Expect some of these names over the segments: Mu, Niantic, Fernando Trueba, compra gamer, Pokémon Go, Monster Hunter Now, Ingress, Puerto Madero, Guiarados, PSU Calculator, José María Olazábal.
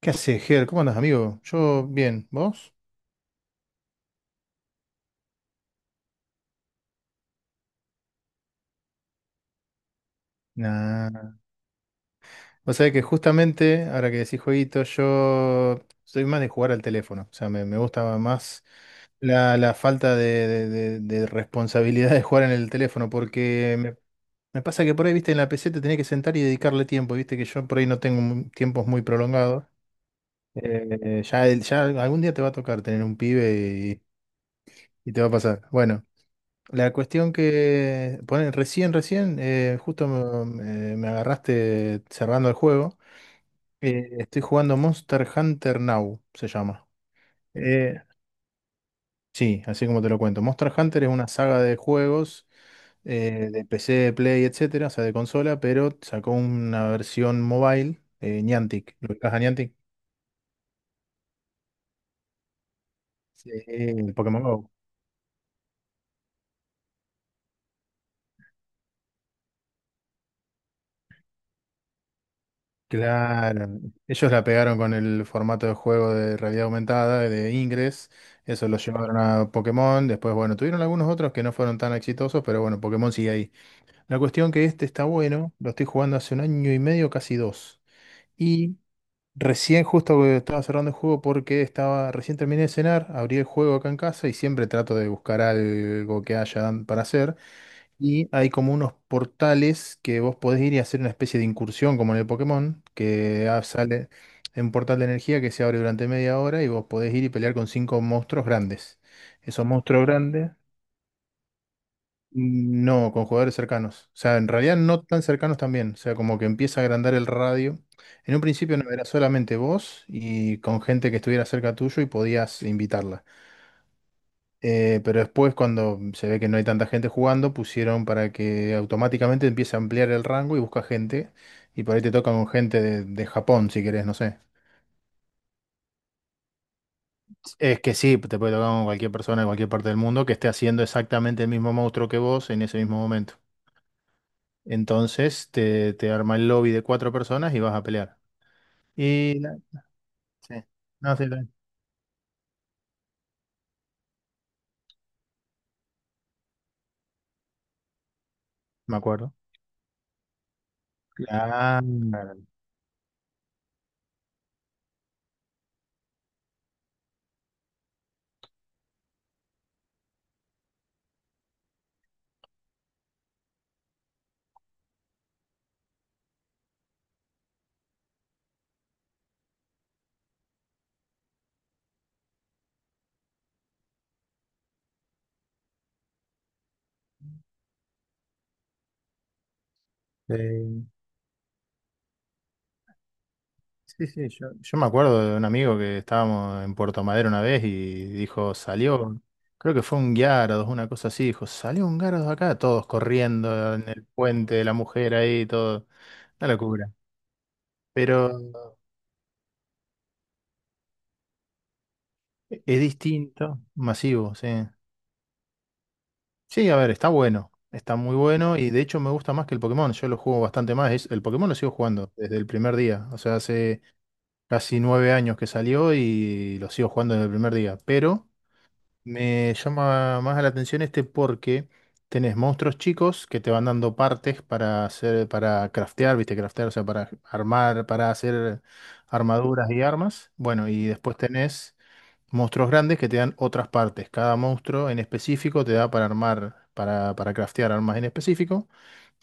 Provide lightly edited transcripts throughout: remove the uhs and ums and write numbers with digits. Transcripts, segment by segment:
¿Qué haces, Ger? ¿Cómo andás, amigo? Yo bien, ¿vos? Nah. Vos sabés que justamente, ahora que decís jueguito, yo soy más de jugar al teléfono. O sea, me gusta más la falta de responsabilidad de jugar en el teléfono, porque me pasa que por ahí, viste, en la PC te tenés que sentar y dedicarle tiempo, viste, que yo por ahí no tengo tiempos muy prolongados. Ya algún día te va a tocar tener un pibe y te va a pasar. Bueno. La cuestión que, ponen recién, justo me agarraste cerrando el juego. Estoy jugando Monster Hunter Now, se llama. Eh, sí, así como te lo cuento. Monster Hunter es una saga de juegos de PC, Play, etcétera, o sea, de consola, pero sacó una versión mobile, Niantic. ¿Lo ubicás a Niantic? Sí, el Pokémon Go. Claro, ellos la pegaron con el formato de juego de realidad aumentada, de Ingress, eso lo llevaron a Pokémon, después, bueno, tuvieron algunos otros que no fueron tan exitosos, pero bueno, Pokémon sigue ahí. La cuestión que este está bueno, lo estoy jugando hace un año y medio, casi dos, y recién justo que estaba cerrando el juego porque estaba, recién terminé de cenar, abrí el juego acá en casa y siempre trato de buscar algo que haya para hacer. Y hay como unos portales que vos podés ir y hacer una especie de incursión, como en el Pokémon, que sale un portal de energía que se abre durante media hora y vos podés ir y pelear con cinco monstruos grandes. Esos monstruos grandes, mm, no, con jugadores cercanos. O sea, en realidad no tan cercanos también. O sea, como que empieza a agrandar el radio. En un principio no era solamente vos y con gente que estuviera cerca tuyo y podías invitarla. Pero después, cuando se ve que no hay tanta gente jugando, pusieron para que automáticamente empiece a ampliar el rango y busca gente. Y por ahí te tocan con gente de Japón, si querés, no sé. Es que sí, te puede tocar con cualquier persona de cualquier parte del mundo que esté haciendo exactamente el mismo monstruo que vos en ese mismo momento. Entonces te arma el lobby de cuatro personas y vas a pelear. Y la- sí, no, sí, sí, me acuerdo. Claro. Sí. Sí, sí, yo me acuerdo de un amigo que estábamos en Puerto Madero una vez y dijo, salió, creo que fue un Guiarados, una cosa así, dijo, salió un Guiarados acá, todos corriendo en el puente de la mujer ahí, todo, una locura. Pero es distinto, masivo, sí. Sí, a ver, está bueno, está muy bueno y de hecho me gusta más que el Pokémon, yo lo juego bastante más, el Pokémon lo sigo jugando desde el primer día, o sea, hace casi 9 años que salió y lo sigo jugando desde el primer día, pero. Me llama más la atención este porque tenés monstruos chicos que te van dando partes para hacer, para craftear, viste, craftear, o sea, para armar, para hacer armaduras y armas. Bueno, y después tenés monstruos grandes que te dan otras partes. Cada monstruo en específico te da para armar, para craftear armas en específico.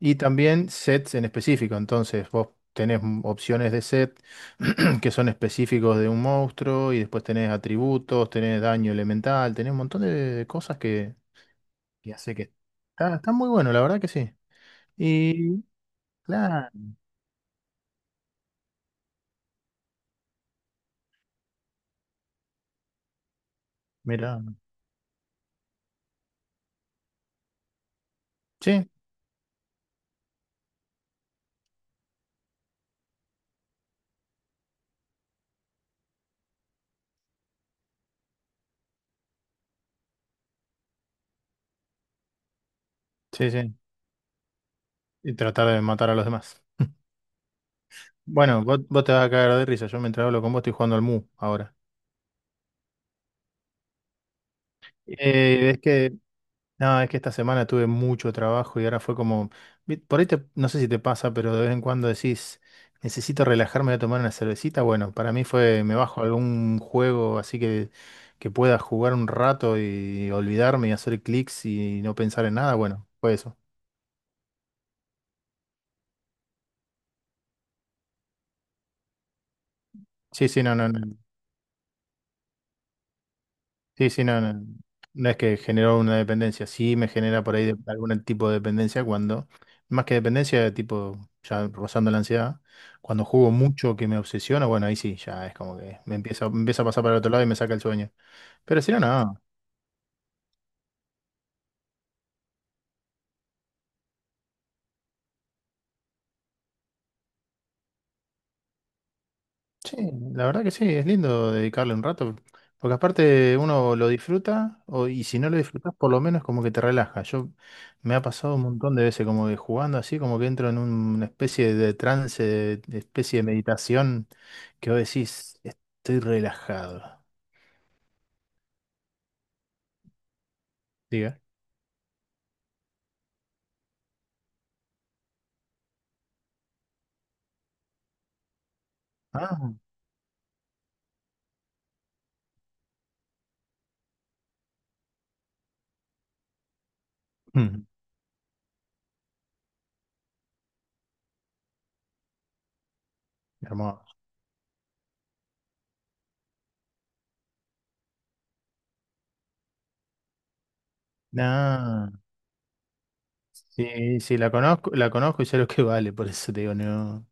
Y también sets en específico, entonces vos tenés opciones de set que son específicos de un monstruo y después tenés atributos, tenés daño elemental, tenés un montón de cosas que hace que. Está muy bueno, la verdad que sí. Y claro, mira, sí, sí, sí. Y tratar de matar a los demás. Bueno, vos te vas a caer de risa, yo mientras hablo con vos estoy jugando al Mu ahora. Es que No, es que esta semana tuve mucho trabajo y ahora fue como, por ahí no sé si te pasa, pero de vez en cuando decís, necesito relajarme, voy a tomar una cervecita. Bueno, para mí fue, me bajo algún juego así que pueda jugar un rato y olvidarme y hacer clics y no pensar en nada. Bueno, fue eso. Sí, sí, no, no, no. Sí, sí, no, no, no es que generó una dependencia, sí me genera por ahí algún tipo de dependencia cuando, más que dependencia, tipo ya rozando la ansiedad, cuando juego mucho que me obsesiona, bueno, ahí sí, ya es como que me empieza a pasar para el otro lado y me saca el sueño. Pero si no, no. Sí, la verdad que sí, es lindo dedicarle un rato, porque aparte uno lo disfruta y si no lo disfrutas por lo menos como que te relaja. Yo me ha pasado un montón de veces como que jugando así, como que entro en una especie de trance, de especie de meditación, que vos decís, estoy relajado. Diga. Ah, mm, hermoso. Nah, sí, sí, la conozco y sé lo que vale, por eso te digo, no.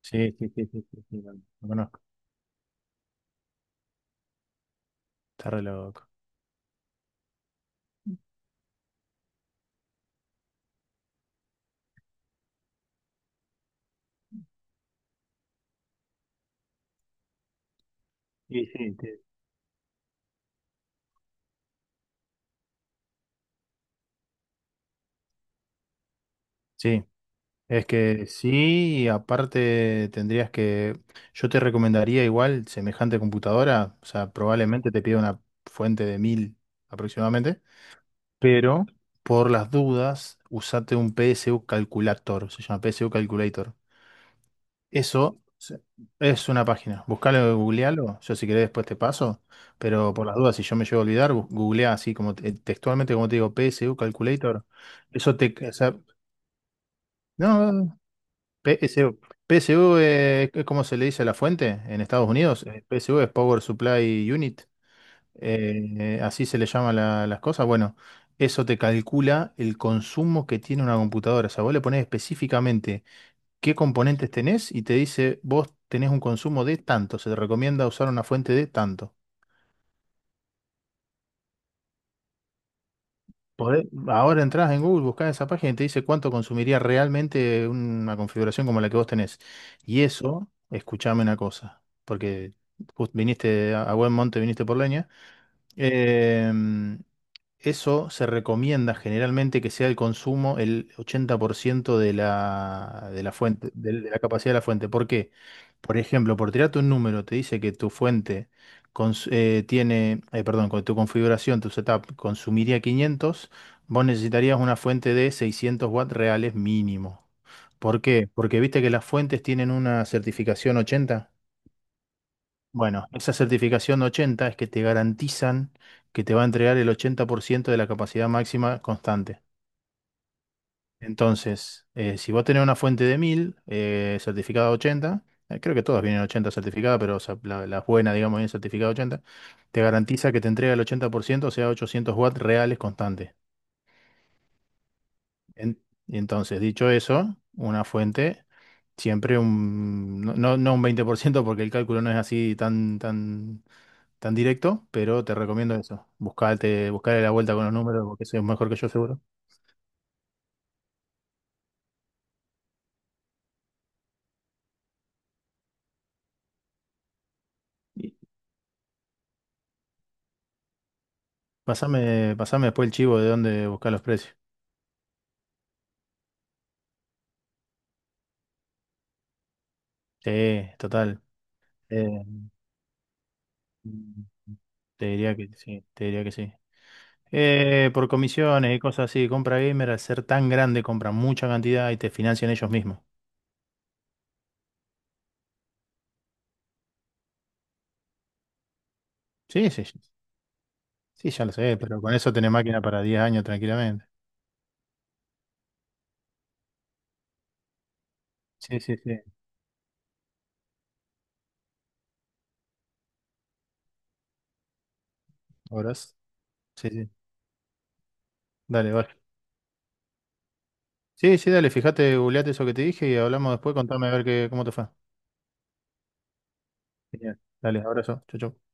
Sí, sí, sí, sí, sí, sí, la conozco. Está re loco. Sí, sí, sí. Es que sí, y aparte tendrías que, yo te recomendaría igual semejante computadora, o sea, probablemente te pida una fuente de 1000 aproximadamente, pero por las dudas, usate un PSU Calculator, se llama PSU Calculator. Eso es una página, buscalo, googlealo, yo si querés después te paso, pero por las dudas, si yo me llego a olvidar, googleá así como textualmente como te digo, PSU Calculator, O sea, no, PSU. PSU es como se le dice a la fuente en Estados Unidos. PSU es Power Supply Unit. Así se le llama las cosas. Bueno, eso te calcula el consumo que tiene una computadora. O sea, vos le ponés específicamente qué componentes tenés y te dice, vos tenés un consumo de tanto. Se te recomienda usar una fuente de tanto. Ahora entras en Google, buscás esa página y te dice cuánto consumiría realmente una configuración como la que vos tenés. Y eso, escuchame una cosa, porque viniste a buen monte, viniste por leña. Em, Eso se recomienda generalmente que sea el consumo el 80% de la fuente, de la capacidad de la fuente. ¿Por qué? Por ejemplo, por tirarte un número, te dice que tu fuente tiene, perdón, con tu configuración, tu setup consumiría 500, vos necesitarías una fuente de 600 watts reales mínimo. ¿Por qué? Porque viste que las fuentes tienen una certificación 80. Bueno, esa certificación 80 es que te garantizan que te va a entregar el 80% de la capacidad máxima constante. Entonces, si vos tenés una fuente de 1000 certificada 80, creo que todas vienen 80 certificadas, pero o sea, las buenas, digamos, vienen certificada 80, te garantiza que te entrega el 80%, o sea, 800 watts reales constantes. En- entonces, dicho eso, una fuente, siempre un, no, no no un 20%, porque el cálculo no es así tan, tan directo, pero te recomiendo eso. Buscate, buscale la vuelta con los números, porque es mejor que yo seguro. Y pasame después el chivo de dónde buscar los precios. Sí, total. Eh, Te diría que sí, te diría que sí. Por comisiones y cosas así, compra gamer, al ser tan grande, compran mucha cantidad y te financian ellos mismos. Sí, sí, sí, sí, ya lo sé, pero con eso tenés máquina para 10 años tranquilamente. Sí, sí, sí. ¿Horas? Sí, sí. Dale, vale. Sí, sí, dale, fíjate, googleate eso que te dije y hablamos después, contame a ver qué, cómo te fue. Genial. Dale, abrazo. Chau, chau.